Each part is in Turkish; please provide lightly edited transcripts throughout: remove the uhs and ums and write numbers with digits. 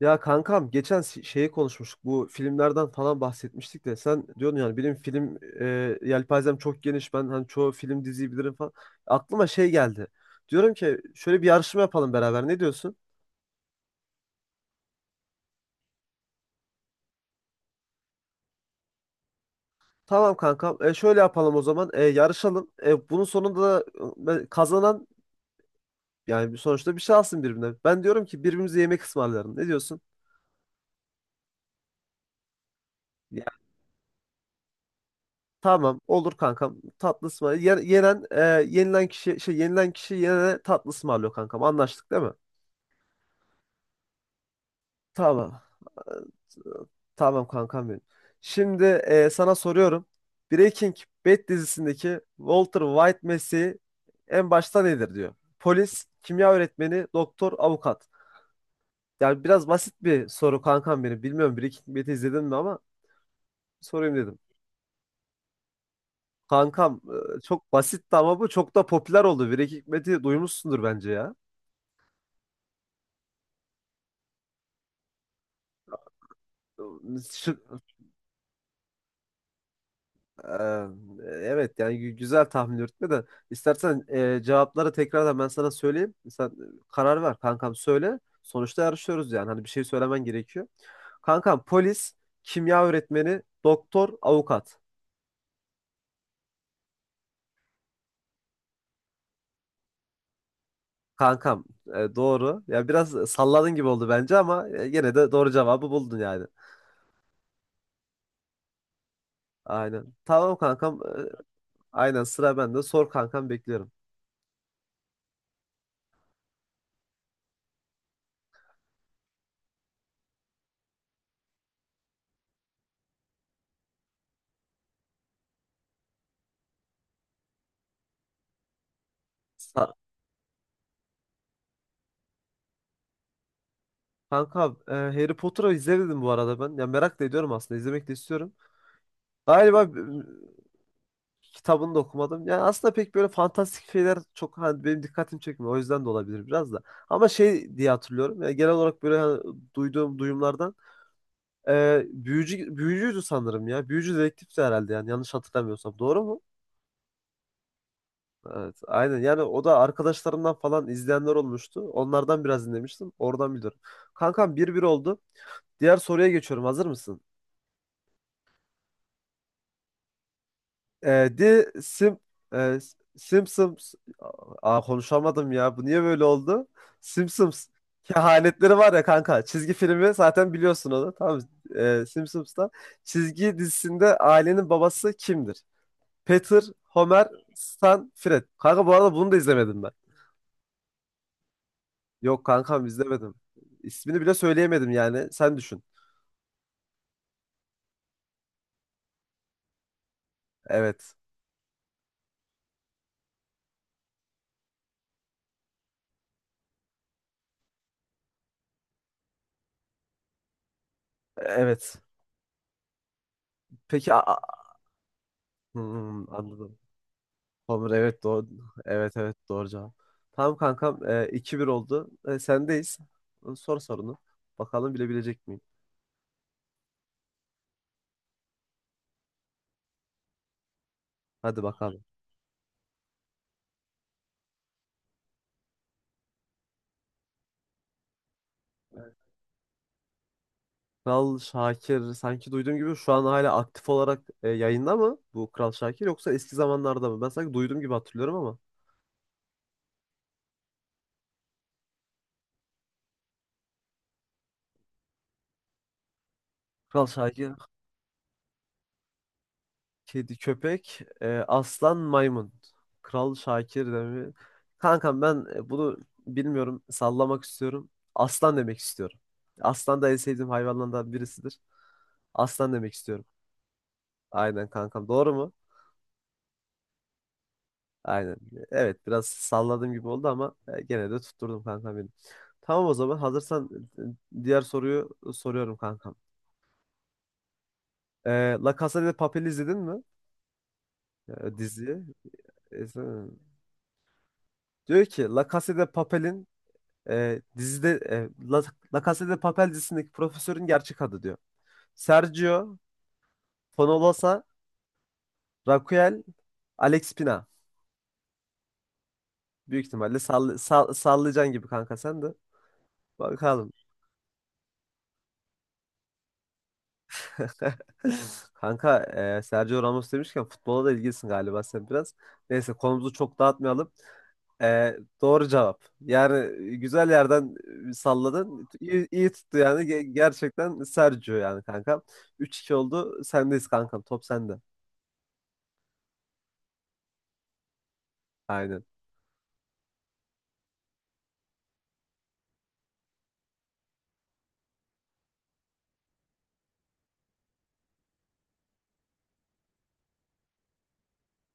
Ya kankam geçen si- şeyi konuşmuştuk. Bu filmlerden falan bahsetmiştik de sen diyordun yani benim yelpazem çok geniş. Ben hani çoğu film diziyi bilirim falan. Aklıma şey geldi. Diyorum ki şöyle bir yarışma yapalım beraber. Ne diyorsun? Tamam kankam. Şöyle yapalım o zaman. Yarışalım. Bunun sonunda da kazanan yani sonuçta bir şey alsın birbirine. Ben diyorum ki birbirimize yemek ısmarlayalım. Ne diyorsun? Ya, Tamam olur kankam, tatlı ısmarlayalım. Yenen yenilen kişi yenene tatlı ısmarlıyor. Kankam anlaştık değil mi? Tamam. Tamam kankam benim. Şimdi sana soruyorum. Breaking Bad dizisindeki Walter White mesleği en başta nedir diyor. Polis, kimya öğretmeni, doktor, avukat. Yani biraz basit bir soru kankam benim. Bilmiyorum Breaking Bad'i izledin mi ama sorayım dedim. Kankam çok basitti ama bu çok da popüler oldu. Breaking Bad'i duymuşsundur bence ya. Şık, Ee, Evet yani güzel tahmin yürütme de. İstersen cevapları tekrardan ben sana söyleyeyim. Sen karar ver kankam, söyle. Sonuçta yarışıyoruz yani hani bir şey söylemen gerekiyor. Kankam polis, kimya öğretmeni, doktor, avukat. Kankam doğru. Ya biraz salladın gibi oldu bence ama gene de doğru cevabı buldun yani. Aynen. Tamam kankam. Aynen, sıra bende. Sor kankam, bekliyorum. Sa- Kankam Harry Potter'ı izlemedim bu arada ben. Ya merak da ediyorum, aslında izlemek de istiyorum. Galiba kitabını da okumadım. Yani aslında pek böyle fantastik şeyler çok hani benim dikkatimi çekmiyor. O yüzden de olabilir biraz da. Ama şey diye hatırlıyorum. Yani genel olarak böyle hani duyduğum duyumlardan büyücüydü sanırım ya. Büyücü dedektifti herhalde yani, yanlış hatırlamıyorsam. Doğru mu? Evet, aynen. Yani o da arkadaşlarımdan falan izleyenler olmuştu. Onlardan biraz dinlemiştim. Oradan biliyorum. Kankam bir bir oldu. Diğer soruya geçiyorum. Hazır mısın? Ee, The Sim e, Simpsons. Aa, konuşamadım ya. Bu niye böyle oldu? Simpsons kehanetleri var ya kanka. Çizgi filmi zaten biliyorsun onu. Tamam. Simpsons'ta çizgi dizisinde ailenin babası kimdir? Peter, Homer, Stan, Fred. Kanka bu arada bunu da izlemedim ben. Yok kankam, izlemedim. İsmini bile söyleyemedim yani. Sen düşün. Evet. Evet. Peki a- a- Hmm, anladım. Hamur, evet, doğru. Evet evet, doğru cevap. Tamam kankam, 2-1 oldu. Sendeyiz. Sor sorunu. Bakalım bilebilecek miyim? Hadi bakalım. Kral Şakir sanki duyduğum gibi. Şu an hala aktif olarak yayında mı bu Kral Şakir, yoksa eski zamanlarda mı? Ben sanki duyduğum gibi hatırlıyorum ama. Kral Şakir. Kedi, köpek, aslan, maymun. Kral Şakir demi. Kankam ben bunu bilmiyorum. Sallamak istiyorum. Aslan demek istiyorum. Aslan da en sevdiğim hayvanlardan birisidir. Aslan demek istiyorum. Aynen kankam. Doğru mu? Aynen. Evet biraz salladığım gibi oldu ama gene de tutturdum kankam benim. Tamam o zaman hazırsan diğer soruyu soruyorum kankam. E, La Casa de Papel izledin mi? Diziyi. E, sen- Diyor ki e, dizide e, La, La Casa de Papel dizisindeki profesörün gerçek adı diyor. Sergio, Fonolosa, Raquel, Alex Pina. Büyük ihtimalle sallayacaksın gibi kanka sen de. Bakalım. Kanka Sergio Ramos demişken futbola da ilgilisin galiba sen biraz. Neyse konumuzu çok dağıtmayalım. Doğru cevap. Yani güzel yerden salladın. İyi tuttu yani. Gerçekten Sergio yani kanka. Üç iki oldu. Sendeyiz kankam. Top sende. Aynen.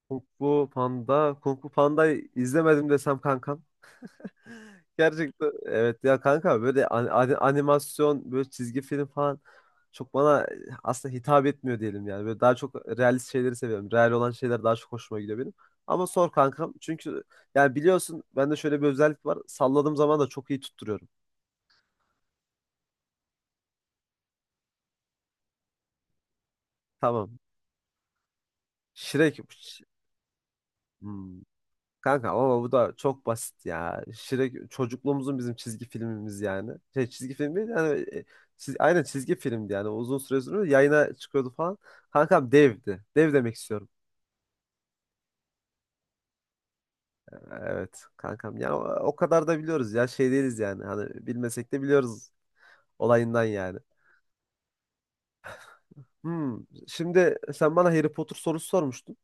Kung Fu Panda. Kung Fu Panda'yı izlemedim desem kankam. Gerçekten evet ya kanka, böyle animasyon, böyle çizgi film falan çok bana aslında hitap etmiyor diyelim yani. Böyle daha çok realist şeyleri seviyorum. Real olan şeyler daha çok hoşuma gidiyor benim. Ama sor kankam, çünkü yani biliyorsun bende şöyle bir özellik var. Salladığım zaman da çok iyi tutturuyorum. Tamam. Shrek. Hmm. Kanka ama bu da çok basit ya. Shrek çocukluğumuzun bizim çizgi filmimiz yani. Şey çizgi film değil yani aynen çizgi filmdi yani. Uzun süre sonra yayına çıkıyordu falan. Kankam devdi. Dev demek istiyorum. Evet kankam yani o kadar da biliyoruz ya, şey değiliz yani. Hani bilmesek de biliyoruz olayından yani. Hmm, Şimdi sen bana Harry Potter sorusu sormuştun.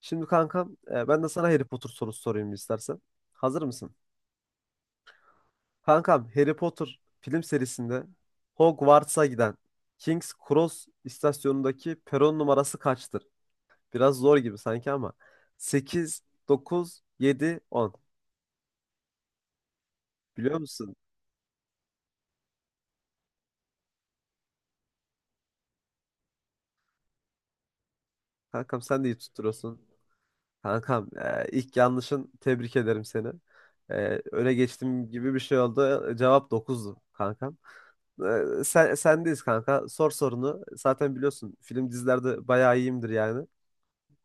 Şimdi kankam ben de sana Harry Potter sorusu sorayım istersen. Hazır mısın? Kankam Harry Potter film serisinde Hogwarts'a giden King's Cross istasyonundaki peron numarası kaçtır? Biraz zor gibi sanki ama. Sekiz, 9, 7, 10. Biliyor musun? Kankam sen de iyi tutturuyorsun. Kankam ilk yanlışın, tebrik ederim seni. Öne geçtiğim gibi bir şey oldu. Cevap 9'du kankam. Sendeyiz kanka. Sor sorunu. Zaten biliyorsun film dizilerde bayağı iyiyimdir yani.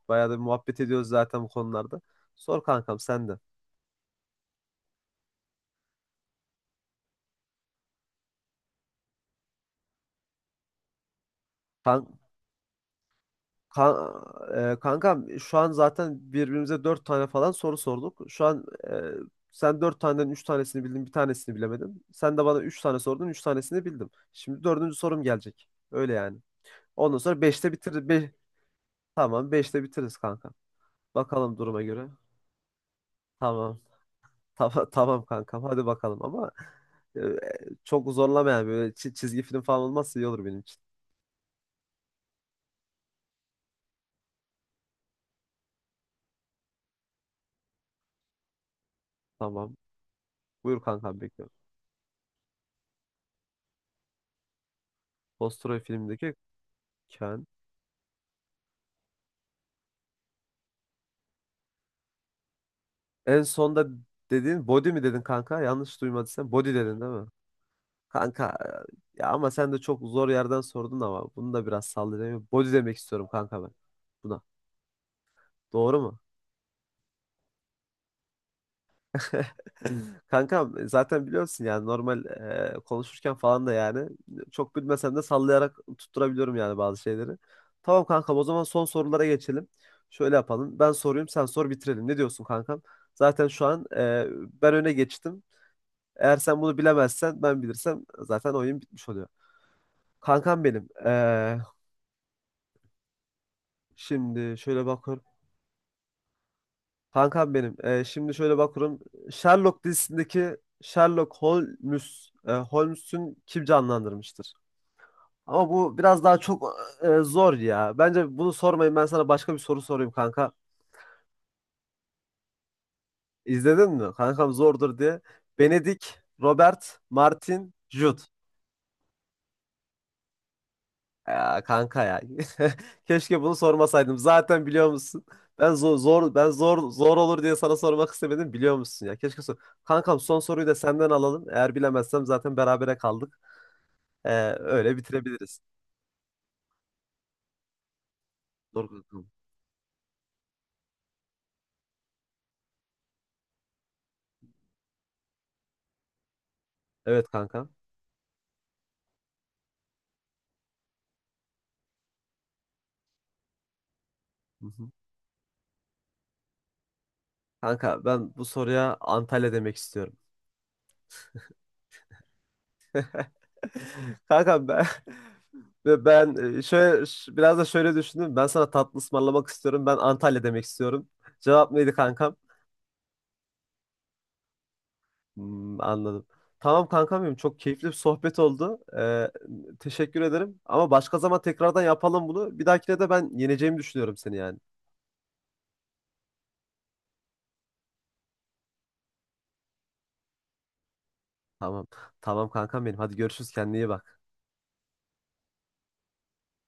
Bayağı da bir muhabbet ediyoruz zaten bu konularda. Sor kankam sen de. Kan, kan, kankam şu an zaten birbirimize dört tane falan soru sorduk. Şu an e, sen dört taneden üç tanesini bildin, bir tanesini bilemedin. Sen de bana üç tane sordun, üç tanesini bildim. Şimdi dördüncü sorum gelecek. Öyle yani. Ondan sonra beşte bitiririz. Tamam, beşte bitiririz kanka. Bakalım duruma göre. Tamam. Tamam, tamam kankam, hadi bakalım ama e, çok zorlamayan, böyle çizgi film falan olmazsa iyi olur benim için. Tamam. Buyur kankam, bekliyorum. Post Troy filmindeki Ken. En sonda dediğin body mi dedin kanka? Yanlış duymadıysam body dedin değil mi? Kanka ya, ama sen de çok zor yerden sordun. Ama bunu da biraz sallayayım. Body demek istiyorum kanka ben. Buna. Doğru mu? Kankam zaten biliyorsun yani, normal konuşurken falan da yani çok bilmesem de sallayarak tutturabiliyorum yani bazı şeyleri. Tamam kankam, o zaman son sorulara geçelim. Şöyle yapalım. Ben sorayım, sen sor, bitirelim. Ne diyorsun kankam? Zaten şu an ben öne geçtim. Eğer sen bunu bilemezsen, ben bilirsem zaten oyun bitmiş oluyor. Kankam benim. Şimdi şöyle bak. Kankam benim. Şimdi şöyle bakıyorum. Sherlock dizisindeki Sherlock Holmes'ün kim canlandırmıştır? Ama bu biraz daha çok zor ya. Bence bunu sormayın. Ben sana başka bir soru sorayım kanka. İzledin mi? Kankam zordur diye. Benedict, Robert, Martin, Jude. Ya kanka ya. Keşke bunu sormasaydım. Zaten biliyor musun? Ben zor zor olur diye sana sormak istemedim, biliyor musun ya. Keşke sor. Kankam son soruyu da senden alalım. Eğer bilemezsem zaten berabere kaldık. Ee, Öyle bitirebiliriz. Doğru kankam. Evet kanka. Hı hı. Kanka ben bu soruya Antalya demek istiyorum. Kanka ben ve ben biraz da şöyle düşündüm. Ben sana tatlı ısmarlamak istiyorum. Ben Antalya demek istiyorum. Cevap neydi kankam? Hmm, anladım. Tamam kankam benim, çok keyifli bir sohbet oldu. Teşekkür ederim. Ama başka zaman tekrardan yapalım bunu. Bir dahakine de ben yeneceğimi düşünüyorum seni yani. Tamam. Tamam kankam benim. Hadi görüşürüz. Kendine iyi bak.